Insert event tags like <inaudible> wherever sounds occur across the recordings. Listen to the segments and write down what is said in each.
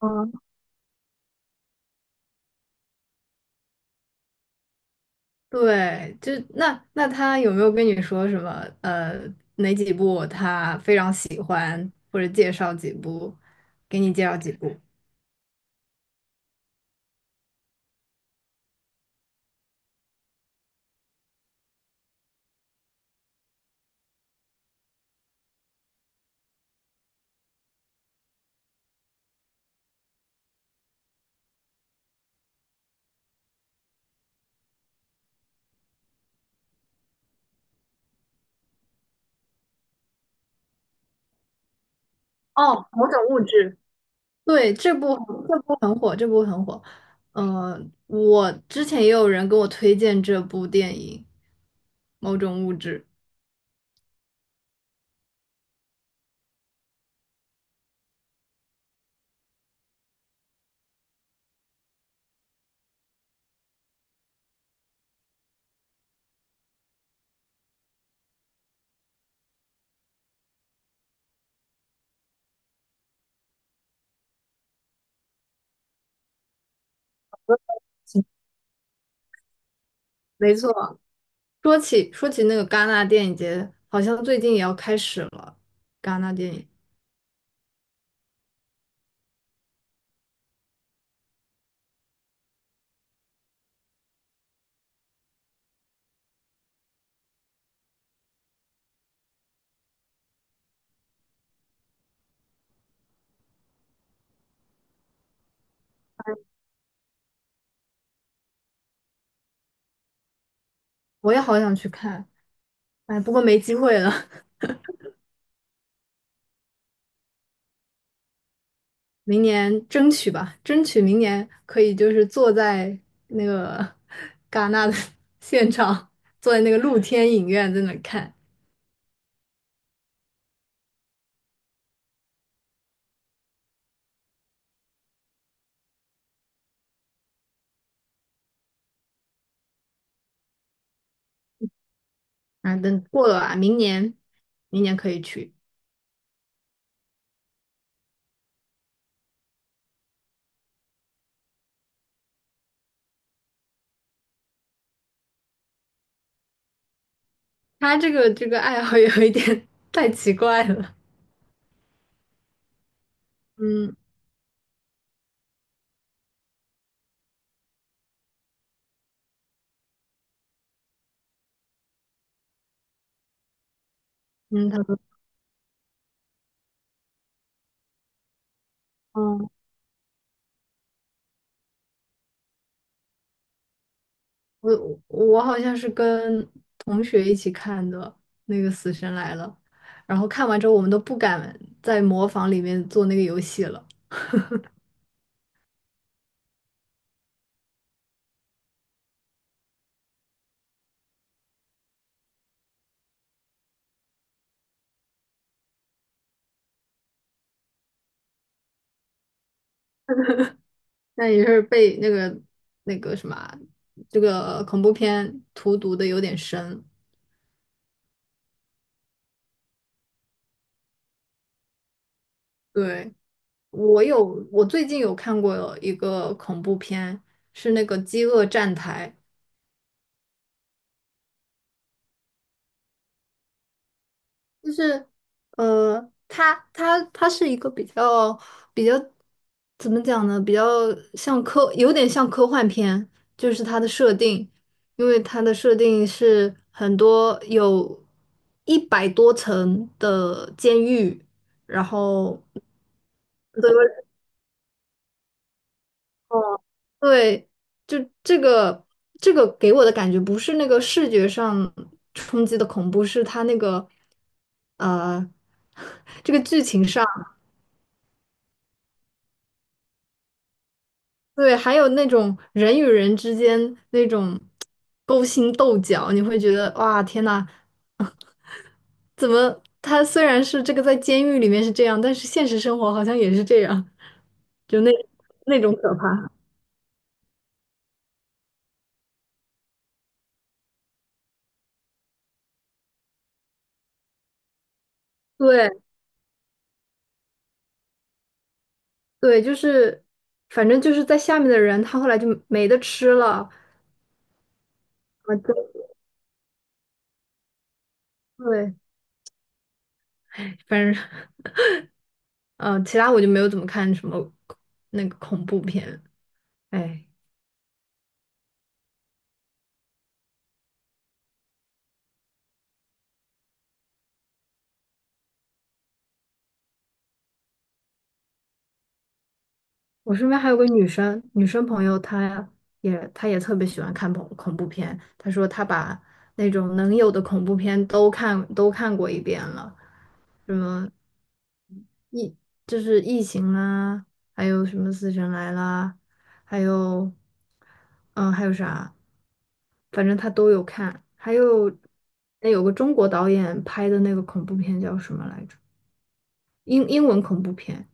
嗯，对，就那他有没有跟你说什么？呃，哪几部他非常喜欢，或者介绍几部，给你介绍几部？哦，某种物质。对，这部很火，这部很火。呃，我之前也有人跟我推荐这部电影《某种物质》。没错，说起那个戛纳电影节，好像最近也要开始了。戛纳电影，我也好想去看，哎，不过没机会了。明年争取吧，争取明年可以就是坐在那个 <laughs> 戛纳的 <laughs> 现场，坐在那个露天影院在那看。啊，等过了吧，明年可以去。他这个爱好有一点 <laughs> 太奇怪了。嗯嗯，他说，嗯，我好像是跟同学一起看的那个《死神来了》，然后看完之后我们都不敢在模仿里面做那个游戏了。那也是被那个什么啊这个恐怖片荼毒的有点深。对，我有，我最近有看过一个恐怖片，是那个《饥饿站台》，就是，他是一个比较怎么讲呢？比较像科，有点像科幻片，就是它的设定，因为它的设定是很多有100多层的监狱，然后，对哦，对，就这个这个给我的感觉不是那个视觉上冲击的恐怖，是它那个呃 <laughs> 这个剧情上。对，还有那种人与人之间那种勾心斗角，你会觉得哇，天呐，怎么他虽然是这个在监狱里面是这样，但是现实生活好像也是这样，就那种可怕。对对，就是反正就是在下面的人，他后来就没得吃了啊，对对，哎反正其他我就没有怎么看什么那个恐怖片，哎。我身边还有个女生，女生朋友，她也特别喜欢看恐怖片。她说她把那种能有的恐怖片都看过一遍了，什么异就是异形啦，还有什么死神来啦，还有嗯还有啥，反正她都有看。还有那有个中国导演拍的那个恐怖片叫什么来着？英文恐怖片，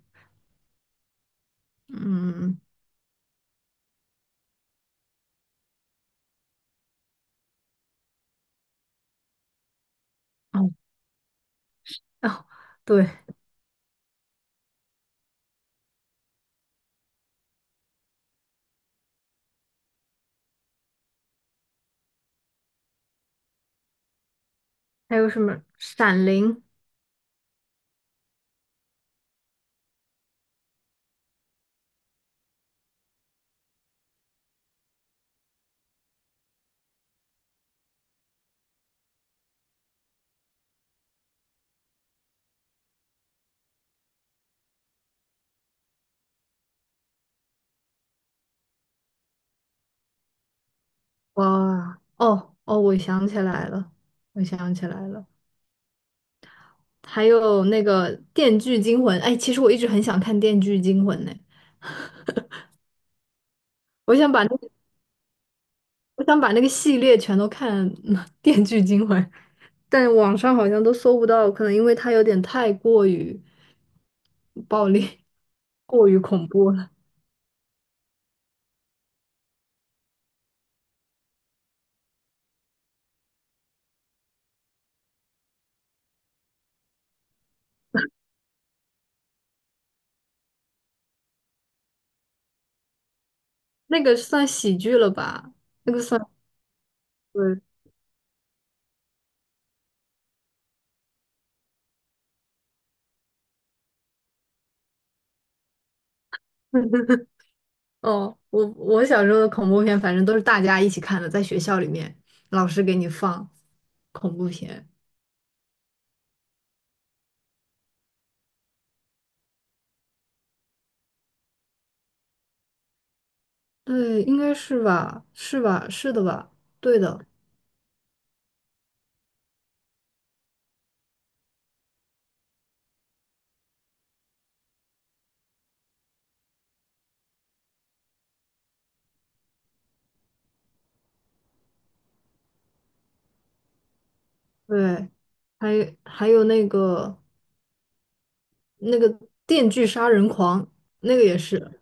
嗯嗯嗯哦哦，对。还有什么《闪灵》？哇，哦哦，我想起来了，我想起来了，还有那个《电锯惊魂》。哎，其实我一直很想看《电锯惊魂》呢，我想把那个我想把那个系列全都看，<laughs> 嗯《电锯惊魂》，但网上好像都搜不到，可能因为它有点太过于暴力、过于恐怖了。那个算喜剧了吧？那个算对，<laughs> 哦，我小时候的恐怖片，反正都是大家一起看的，在学校里面，老师给你放恐怖片。对，应该是吧？是吧？是的吧？对的，对。还还有那个那个《电锯杀人狂》，那个也是。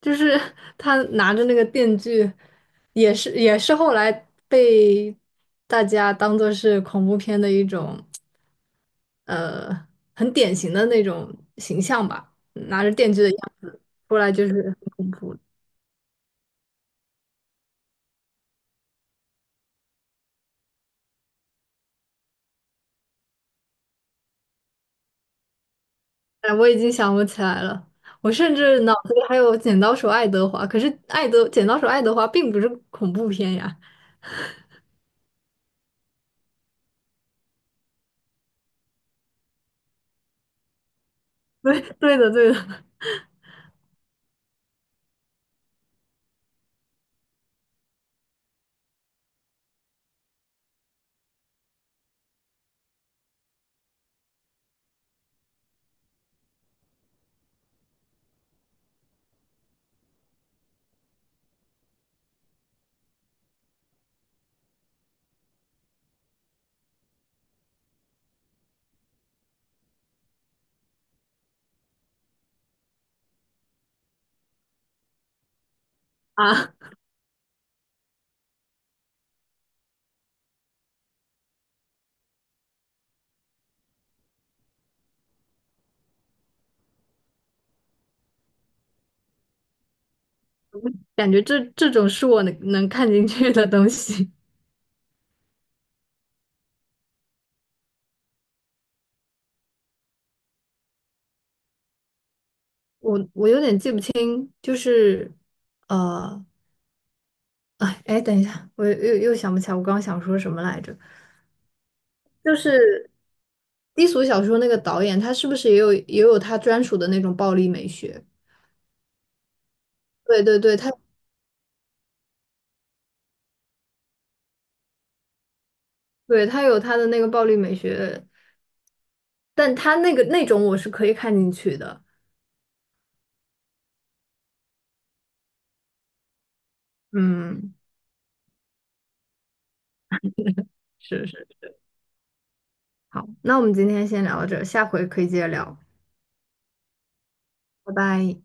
就是 <laughs> 他拿着那个电锯，也是后来被大家当做是恐怖片的一种，呃，很典型的那种形象吧，拿着电锯的样子出来就是很恐怖。哎，我已经想不起来了，我甚至脑子里还有《剪刀手爱德华》，可是《剪刀手爱德华》并不是恐怖片呀。<laughs> 对对的对的 <laughs> 啊，感觉这种是我能看进去的东西。我有点记不清，就是呃，哎哎，等一下，我又想不起来我刚刚想说什么来着。就是低俗小说那个导演，他是不是也有他专属的那种暴力美学？对对对，对，他有他的那个暴力美学，但他那个那种我是可以看进去的。嗯，是是，好，那我们今天先聊到这儿，下回可以接着聊，拜拜。